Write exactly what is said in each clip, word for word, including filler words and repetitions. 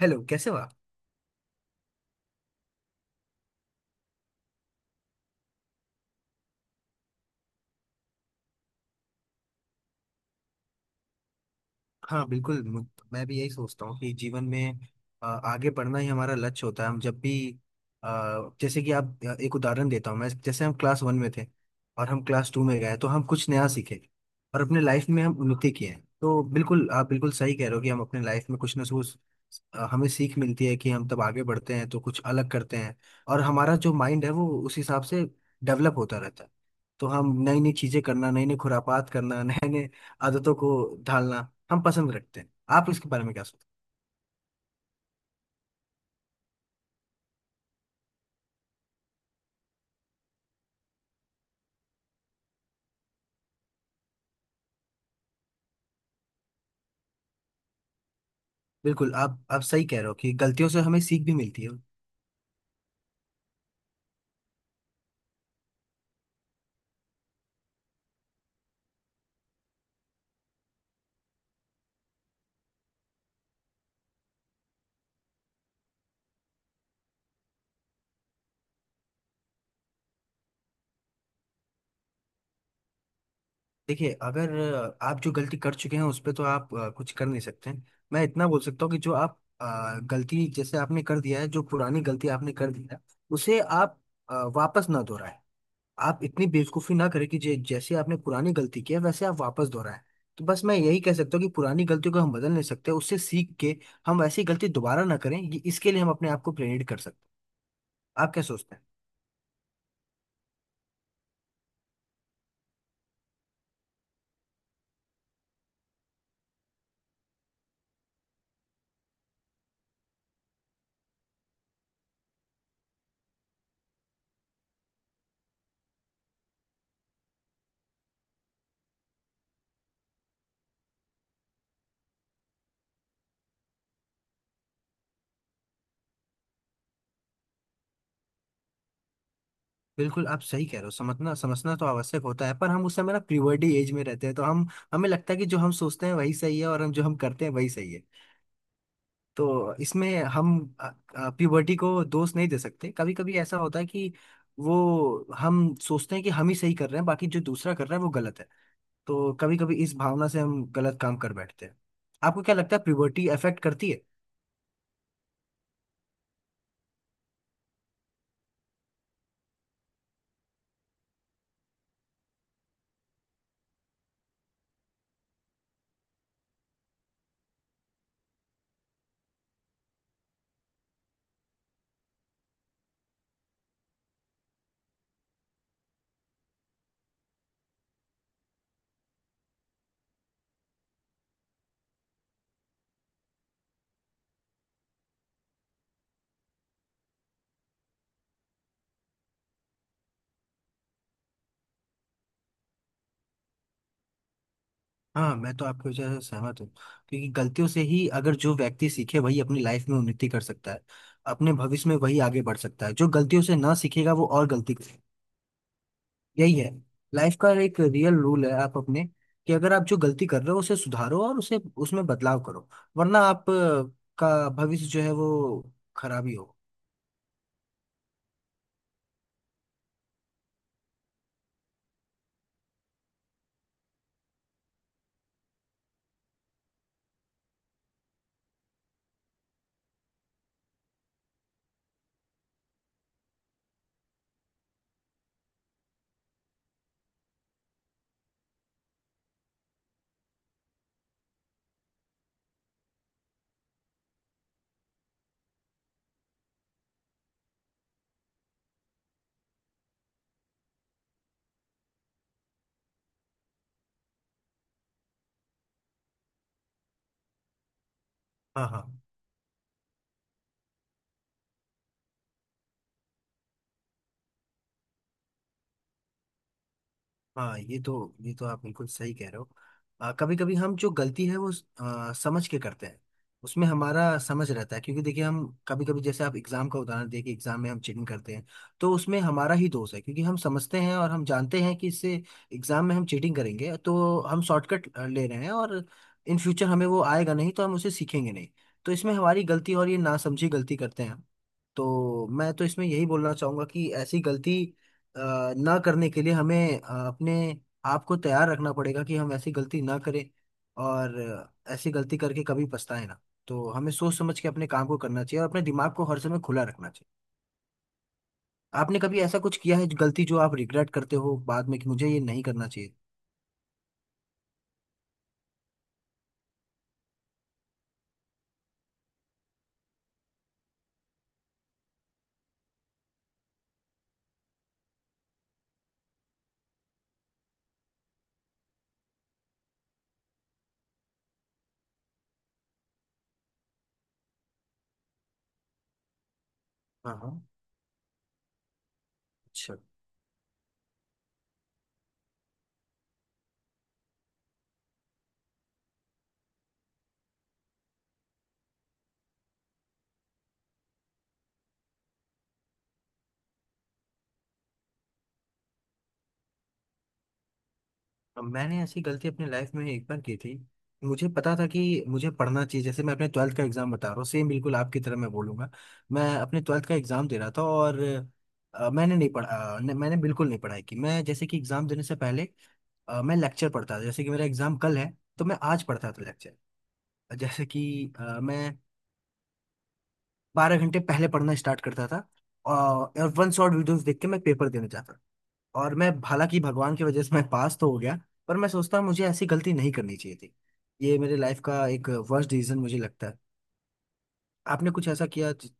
Hello, कैसे हो आप। हाँ, बिल्कुल। मु- मैं भी यही सोचता हूँ कि जीवन में अ, आगे बढ़ना ही हमारा लक्ष्य होता है। हम जब भी अ, जैसे कि आप, अ, एक उदाहरण देता हूँ मैं। जैसे हम क्लास वन में थे और हम क्लास टू में गए, तो हम कुछ नया सीखे और अपने लाइफ में हम उन्नति किए हैं। तो बिल्कुल, आप बिल्कुल सही कह रहे हो कि हम अपने लाइफ में कुछ ना कुछ, अ, हमें सीख मिलती है कि हम तब आगे बढ़ते हैं तो कुछ अलग करते हैं। और हमारा जो माइंड है वो उस हिसाब से डेवलप होता रहता है। तो हम नई नई चीजें करना, नई नई खुरापात करना नए नए आदतों को ढालना हम पसंद रखते हैं। आप इसके बारे में क्या सोचते हैं। बिल्कुल, आप आप सही कह रहे हो कि गलतियों से हमें सीख भी मिलती है। देखिए, अगर अ, आप जो गलती कर चुके हैं उस पर तो आप अ, कुछ कर नहीं सकते हैं। मैं इतना बोल सकता हूँ कि जो आप अ, गलती, जैसे आपने कर दिया है, जो पुरानी गलती आपने कर दी है, उसे आप अ, वापस ना दोहराएं। आप इतनी बेवकूफी ना करें कि जे- जैसे आपने पुरानी गलती की है वैसे आप वापस दोहराएं। तो बस मैं यही कह सकता हूँ कि पुरानी गलतियों को हम बदल नहीं सकते, उससे सीख के हम वैसी गलती दोबारा ना करें, ये इसके लिए हम अपने आप को प्रेरित कर सकते हैं। आप क्या सोचते हैं। बिल्कुल, आप सही कह रहे हो। समझना समझना तो आवश्यक होता है, पर हम उस समय ना प्रीवर्टी एज में रहते हैं, तो हम, हमें लगता है कि जो हम सोचते हैं वही सही है और हम जो हम करते हैं वही सही है। तो इसमें हम प्रीवर्टी को दोष नहीं दे सकते। कभी कभी ऐसा होता है कि वो हम सोचते हैं कि हम ही सही कर रहे हैं, बाकी जो दूसरा कर रहा है वो गलत है। तो कभी कभी इस भावना से हम गलत काम कर बैठते हैं। आपको क्या लगता है प्यूबर्टी अफेक्ट करती है। हाँ, मैं तो आपके वजह से सहमत हूँ। क्योंकि गलतियों से ही अगर जो व्यक्ति सीखे वही अपनी लाइफ में उन्नति कर सकता है। अपने भविष्य में वही आगे बढ़ सकता है। जो गलतियों से ना सीखेगा वो और गलती करेगा। यही है लाइफ का एक रियल रूल है। आप अपने, कि अगर आप जो गलती कर रहे हो उसे सुधारो और उसे, उसमें बदलाव करो। वरना आप अ, का भविष्य जो है वो खराब ही हो। हाँ, हाँ। हाँ, ये तो, ये तो आप बिल्कुल सही कह रहे हो। कभी कभी हम जो गलती है वो आ, समझ के करते हैं। उसमें हमारा समझ रहता है, क्योंकि देखिए हम कभी कभी, जैसे आप एग्जाम का उदाहरण देखिए, एग्जाम में हम चीटिंग करते हैं, तो उसमें हमारा ही दोष है क्योंकि हम समझते हैं और हम जानते हैं कि इससे, एग्जाम में हम चीटिंग करेंगे तो हम शॉर्टकट ले रहे हैं और इन फ्यूचर हमें वो आएगा नहीं, तो हम उसे सीखेंगे नहीं। तो इसमें हमारी गलती, और ये नासमझी गलती करते हैं हम। तो मैं तो इसमें यही बोलना चाहूंगा कि ऐसी गलती अ, ना करने के लिए हमें अ, अपने आप को तैयार रखना पड़ेगा कि हम ऐसी गलती ना करें, और अ, ऐसी गलती करके कभी पछताए ना। तो हमें सोच समझ के अपने काम को करना चाहिए और अपने दिमाग को हर समय खुला रखना चाहिए। आपने कभी ऐसा कुछ किया है गलती जो आप रिग्रेट करते हो बाद में कि मुझे ये नहीं करना चाहिए। हाँ, हाँ। अच्छा। मैंने ऐसी गलती अपनी लाइफ में एक बार की थी। मुझे पता था कि मुझे पढ़ना चाहिए, जैसे मैं अपने ट्वेल्थ का एग्जाम बता रहा हूँ, सेम बिल्कुल आपकी तरह मैं बोलूंगा। मैं अपने ट्वेल्थ का एग्जाम दे रहा था और अ, मैंने नहीं पढ़ा। अ, न- मैंने बिल्कुल नहीं पढ़ाई की। मैं, जैसे कि एग्जाम देने से पहले, अ, मैं लेक्चर पढ़ता था जैसे कि मेरा एग्जाम कल है, तो मैं आज पढ़ता था लेक्चर। जैसे कि अ, मैं बारह घंटे पहले पढ़ना स्टार्ट करता था, अ, और वन शॉट वीडियोस देख के मैं पेपर देने जाता था। और मैं, हालांकि भगवान की वजह से मैं पास तो हो गया, पर मैं सोचता हूँ मुझे ऐसी गलती नहीं करनी चाहिए थी। ये मेरे लाइफ का एक वर्स्ट डिसीजन मुझे लगता है। आपने कुछ ऐसा किया जि-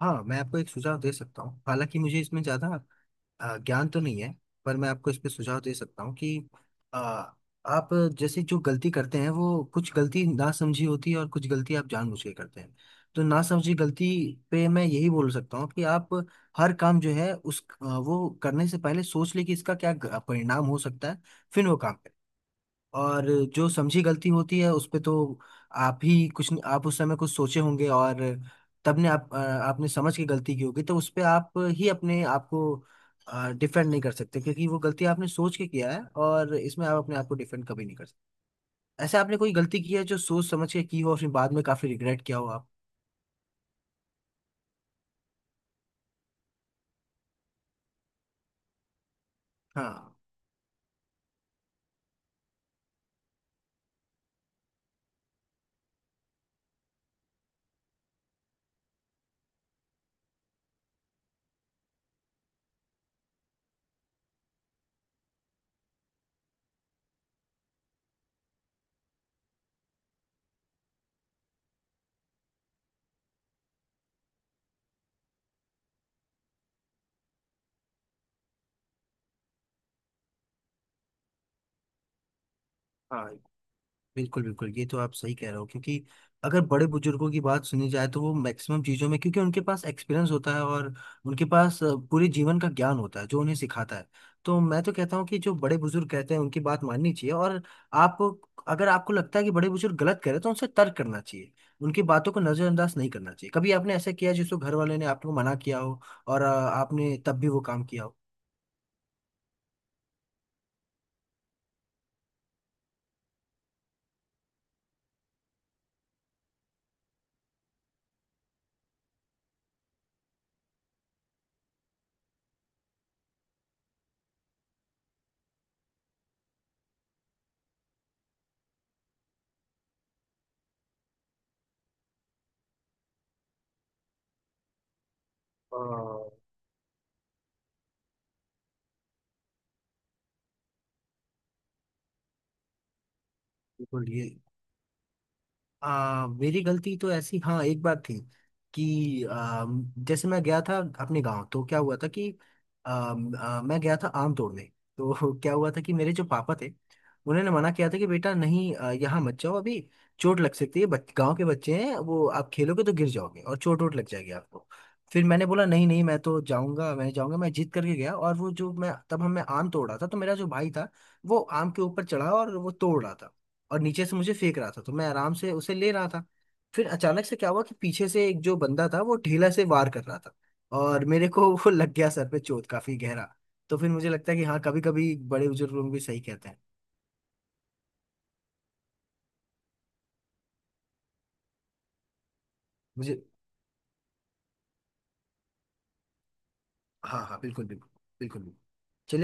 हाँ, मैं आपको एक सुझाव दे सकता हूँ। हालांकि मुझे इसमें ज्यादा अ, ज्ञान तो नहीं है, पर मैं आपको इस पे सुझाव दे सकता हूँ कि अ, आप, जैसे जो गलती करते हैं वो कुछ गलती ना समझी होती है और कुछ गलती आप जानबूझ के करते हैं। तो ना समझी गलती पे मैं यही बोल सकता हूँ कि आप हर काम जो है उस अ, वो करने से पहले सोच ले कि इसका क्या ग- परिणाम हो सकता है, फिर वो काम करें। और जो समझी गलती होती है उस पे तो आप ही कुछ, आप उस समय कुछ सोचे होंगे और तब ने आप अ, आपने समझ के गलती की होगी, तो उस पे आप ही अपने आप को डिफेंड नहीं कर सकते, क्योंकि वो गलती आपने सोच के किया है और इसमें आप अपने आप को डिफेंड कभी नहीं कर सकते। ऐसे आपने कोई गलती की है जो सोच समझ के की हो और फिर बाद में काफी रिग्रेट किया हो आप। हाँ, हाँ। बिल्कुल, बिल्कुल, ये तो आप सही कह रहे हो। क्योंकि अगर बड़े बुजुर्गों की बात सुनी जाए तो वो मैक्सिमम चीज़ों में, क्योंकि उनके पास एक्सपीरियंस होता है और उनके पास अ, पूरे जीवन का ज्ञान होता है जो उन्हें सिखाता है। तो मैं तो कहता हूँ कि जो बड़े बुजुर्ग कहते हैं उनकी बात माननी चाहिए। और आप, अगर आपको लगता है कि बड़े बुजुर्ग गलत कह रहे हैं तो उनसे तर्क करना चाहिए, उनकी बातों को नज़रअंदाज नहीं करना चाहिए। कभी आपने ऐसा किया जिसको घर वाले ने आपको मना किया हो और अ, आपने तब भी वो काम किया हो। हाँ, बिल्कुल, ये आ, मेरी गलती तो ऐसी, हाँ, एक बात थी कि आ, जैसे मैं गया था अपने गांव। तो क्या हुआ था कि आ, आ, मैं गया था आम तोड़ने। तो क्या हुआ था कि मेरे जो पापा थे उन्होंने मना किया था कि बेटा नहीं, आ, यहाँ मत जाओ अभी, चोट लग सकती है। बच, गांव के बच्चे हैं वो, आप खेलोगे तो गिर जाओगे और चोट वोट लग जाएगी आपको। फिर मैंने बोला नहीं नहीं, मैं तो जाऊंगा, मैं जाऊंगा। मैं जिद करके गया और वो, जो मैं तब हम मैं आम तोड़ रहा था, तो मेरा जो भाई था वो आम के ऊपर चढ़ा और वो तोड़ रहा था और नीचे से मुझे फेंक रहा था, तो मैं आराम से उसे ले रहा था। फिर अचानक से क्या हुआ कि पीछे से एक जो बंदा था वो ढेला से वार कर रहा था और मेरे को वो लग गया सर पे, चोट काफी गहरा। तो फिर मुझे लगता है कि हाँ, कभी कभी बड़े बुजुर्ग लोग भी सही कहते हैं। मुझे। हाँ हाँ, बिल्कुल बिल्कुल। बिल्कुल बिल्कुल।